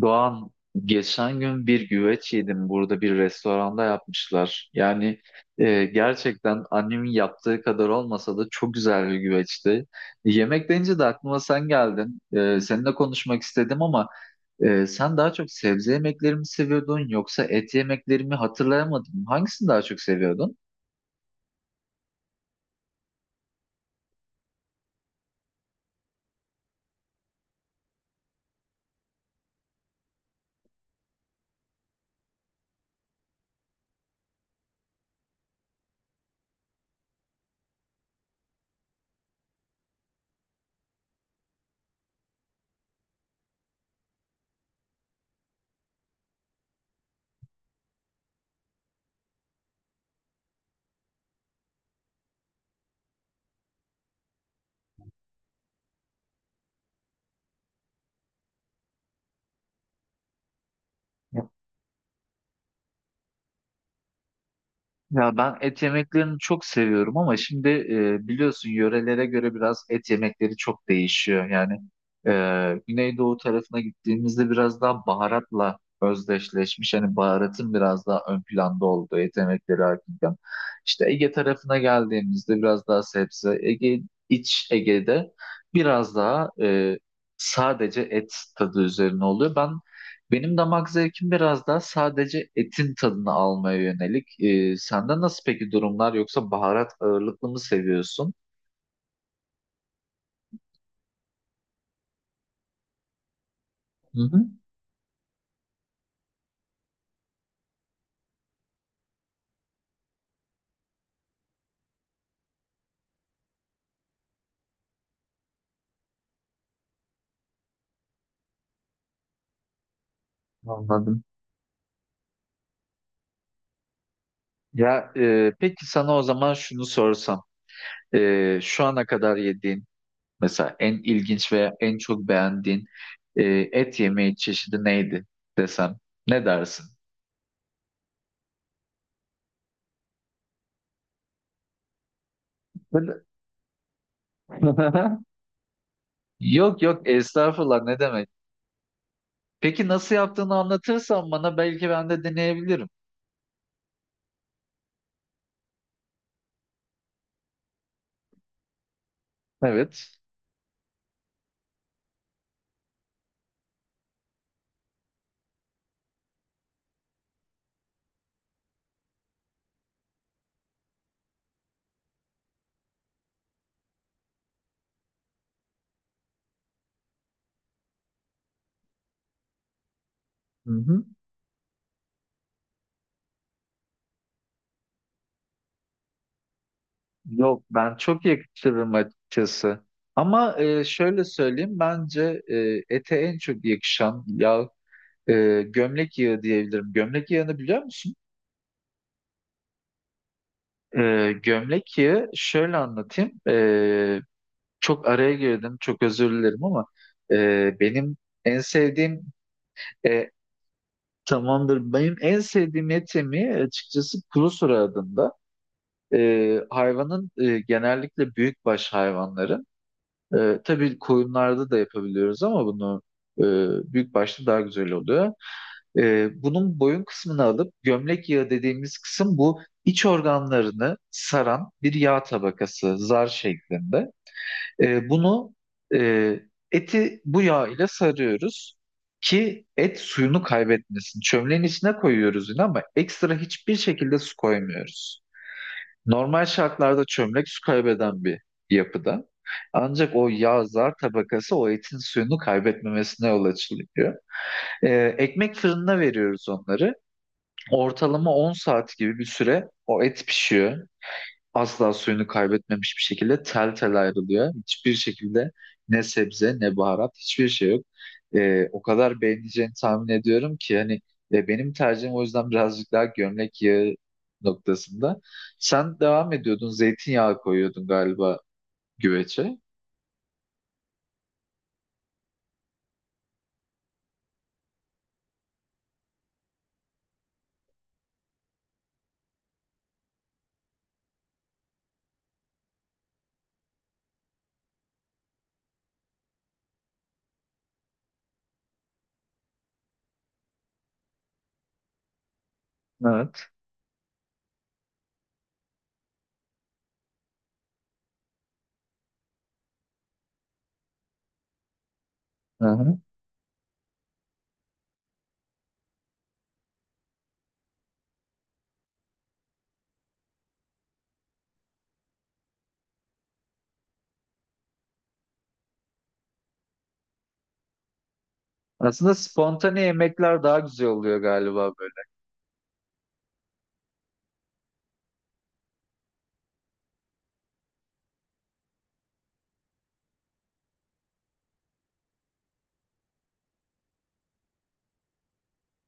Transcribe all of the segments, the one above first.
Doğan, geçen gün bir güveç yedim burada bir restoranda yapmışlar. Gerçekten annemin yaptığı kadar olmasa da çok güzel bir güveçti. Yemek deyince de aklıma sen geldin. Seninle konuşmak istedim ama sen daha çok sebze yemekleri mi seviyordun yoksa et yemekleri mi hatırlayamadım. Hangisini daha çok seviyordun? Ya ben et yemeklerini çok seviyorum ama şimdi biliyorsun yörelere göre biraz et yemekleri çok değişiyor. Güneydoğu tarafına gittiğimizde biraz daha baharatla özdeşleşmiş. Hani baharatın biraz daha ön planda olduğu et yemekleri hakkında. İşte Ege tarafına geldiğimizde biraz daha sebze. Ege, iç Ege'de biraz daha sadece et tadı üzerine oluyor. Ben benim damak zevkim biraz daha sadece etin tadını almaya yönelik. Sende nasıl peki durumlar, yoksa baharat ağırlıklı mı seviyorsun? Hı hı, anladım. Peki sana o zaman şunu sorsam. Şu ana kadar yediğin, mesela en ilginç veya en çok beğendiğin e, et yemeği çeşidi neydi desem, ne dersin? Böyle- Yok yok, estağfurullah, ne demek. Peki nasıl yaptığını anlatırsan bana, belki ben de deneyebilirim. Evet. Hı hı. Yok, ben çok yakıştırırım açıkçası. Ama şöyle söyleyeyim, bence ete en çok yakışan yağ gömlek yağı diyebilirim. Gömlek yağını biliyor musun? Gömlek yağı şöyle anlatayım. Çok araya girdim, çok özür dilerim ama e, benim en sevdiğim e, tamamdır, benim en sevdiğim et yemeği, açıkçası, kuru sura adında. Hayvanın, genellikle büyükbaş hayvanları. Tabii koyunlarda da yapabiliyoruz ama bunu e, büyük başta daha güzel oluyor. Bunun boyun kısmını alıp gömlek yağı dediğimiz kısım, bu iç organlarını saran bir yağ tabakası zar şeklinde. E, bunu e, Eti bu yağ ile sarıyoruz ki et suyunu kaybetmesin. Çömleğin içine koyuyoruz yine ama ekstra hiçbir şekilde su koymuyoruz. Normal şartlarda çömlek su kaybeden bir yapıda. Ancak o yağ zar tabakası o etin suyunu kaybetmemesine yol açılıyor. Ekmek fırınına veriyoruz onları. Ortalama 10 saat gibi bir süre o et pişiyor, asla suyunu kaybetmemiş bir şekilde tel tel ayrılıyor. Hiçbir şekilde ne sebze ne baharat, hiçbir şey yok. O kadar beğeneceğini tahmin ediyorum ki hani, ve benim tercihim o yüzden birazcık daha gömlek yağı noktasında. Sen devam ediyordun, zeytinyağı koyuyordun galiba güveçe. Evet. Hı-hı. Aslında spontane yemekler daha güzel oluyor galiba böyle.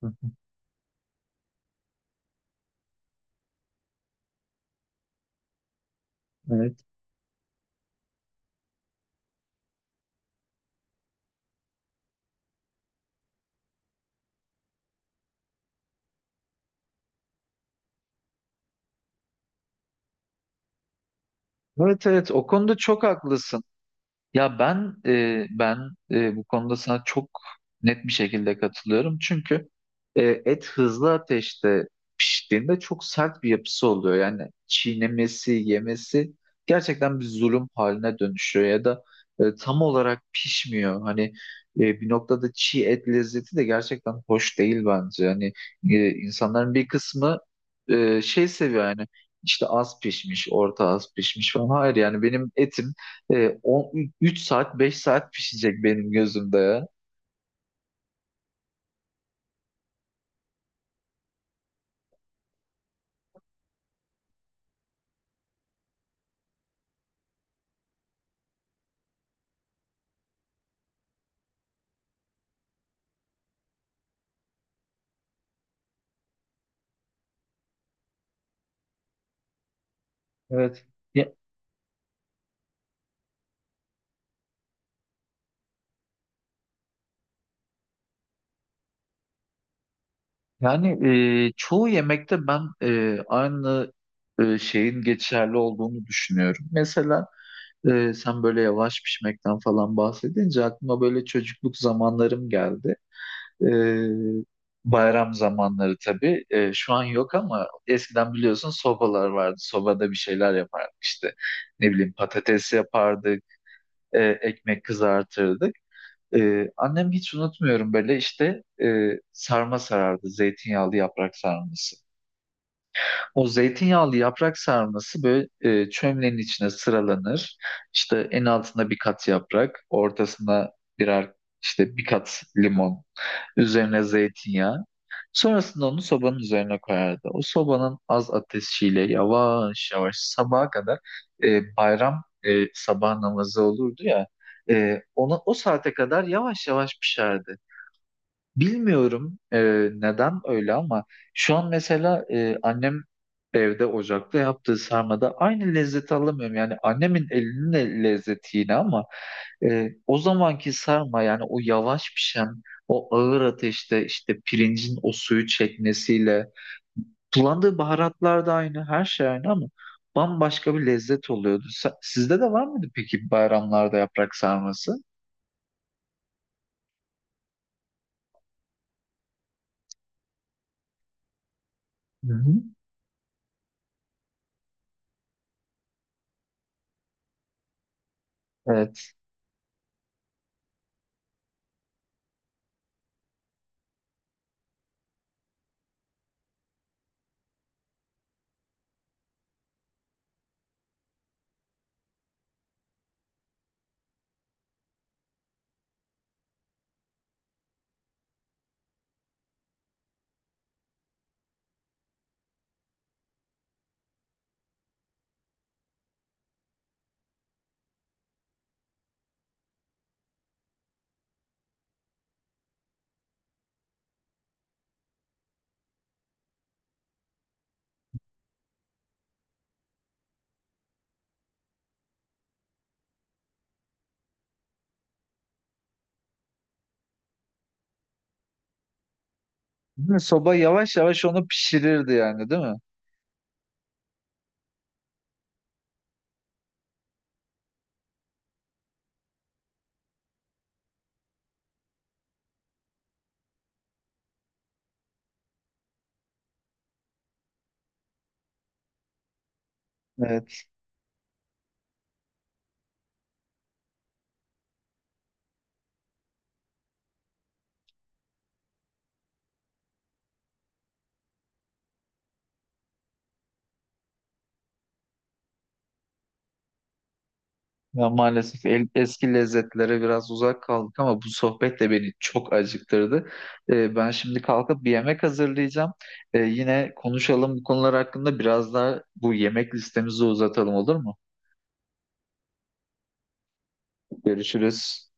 Hı hı. Evet. Evet evet, o konuda çok haklısın. Ya ben e, ben Bu konuda sana çok net bir şekilde katılıyorum. Çünkü et hızlı ateşte piştiğinde çok sert bir yapısı oluyor. Yani çiğnemesi, yemesi gerçekten bir zulüm haline dönüşüyor ya da tam olarak pişmiyor. Hani bir noktada çiğ et lezzeti de gerçekten hoş değil bence. Hani insanların bir kısmı şey seviyor yani, işte az pişmiş, orta az pişmiş falan. Hayır, yani benim etim 3 saat 5 saat pişecek benim gözümde ya. Evet. Ya- Yani çoğu yemekte ben şeyin geçerli olduğunu düşünüyorum. Mesela sen böyle yavaş pişmekten falan bahsedince aklıma böyle çocukluk zamanlarım geldi. E, Bayram zamanları tabii. Şu an yok ama eskiden biliyorsun sobalar vardı. Sobada bir şeyler yapardık işte. Ne bileyim, patates yapardık, ekmek kızartırdık. Annem hiç unutmuyorum, böyle işte sarma sarardı, zeytinyağlı yaprak sarması. O zeytinyağlı yaprak sarması böyle çömlenin içine sıralanır. İşte en altında bir kat yaprak, ortasına birer, işte bir kat limon, üzerine zeytinyağı. Sonrasında onu sobanın üzerine koyardı. O sobanın az ateşiyle yavaş yavaş sabaha kadar, sabah namazı olurdu ya, ona o saate kadar yavaş yavaş pişerdi. Bilmiyorum neden öyle ama şu an mesela annem evde ocakta yaptığı sarmada aynı lezzeti alamıyorum. Yani annemin elinin lezzeti yine, ama o zamanki sarma, yani o yavaş pişen, o ağır ateşte, işte pirincin o suyu çekmesiyle, kullandığı baharatlar da aynı, her şey aynı ama bambaşka bir lezzet oluyordu. Sizde de var mıydı peki bayramlarda yaprak sarması? Hı hı. Evet. Soba yavaş yavaş onu pişirirdi yani, değil mi? Evet. Ya maalesef eski lezzetlere biraz uzak kaldık, ama bu sohbet de beni çok acıktırdı. Ben şimdi kalkıp bir yemek hazırlayacağım. Yine konuşalım bu konular hakkında, biraz daha bu yemek listemizi uzatalım, olur mu? Görüşürüz.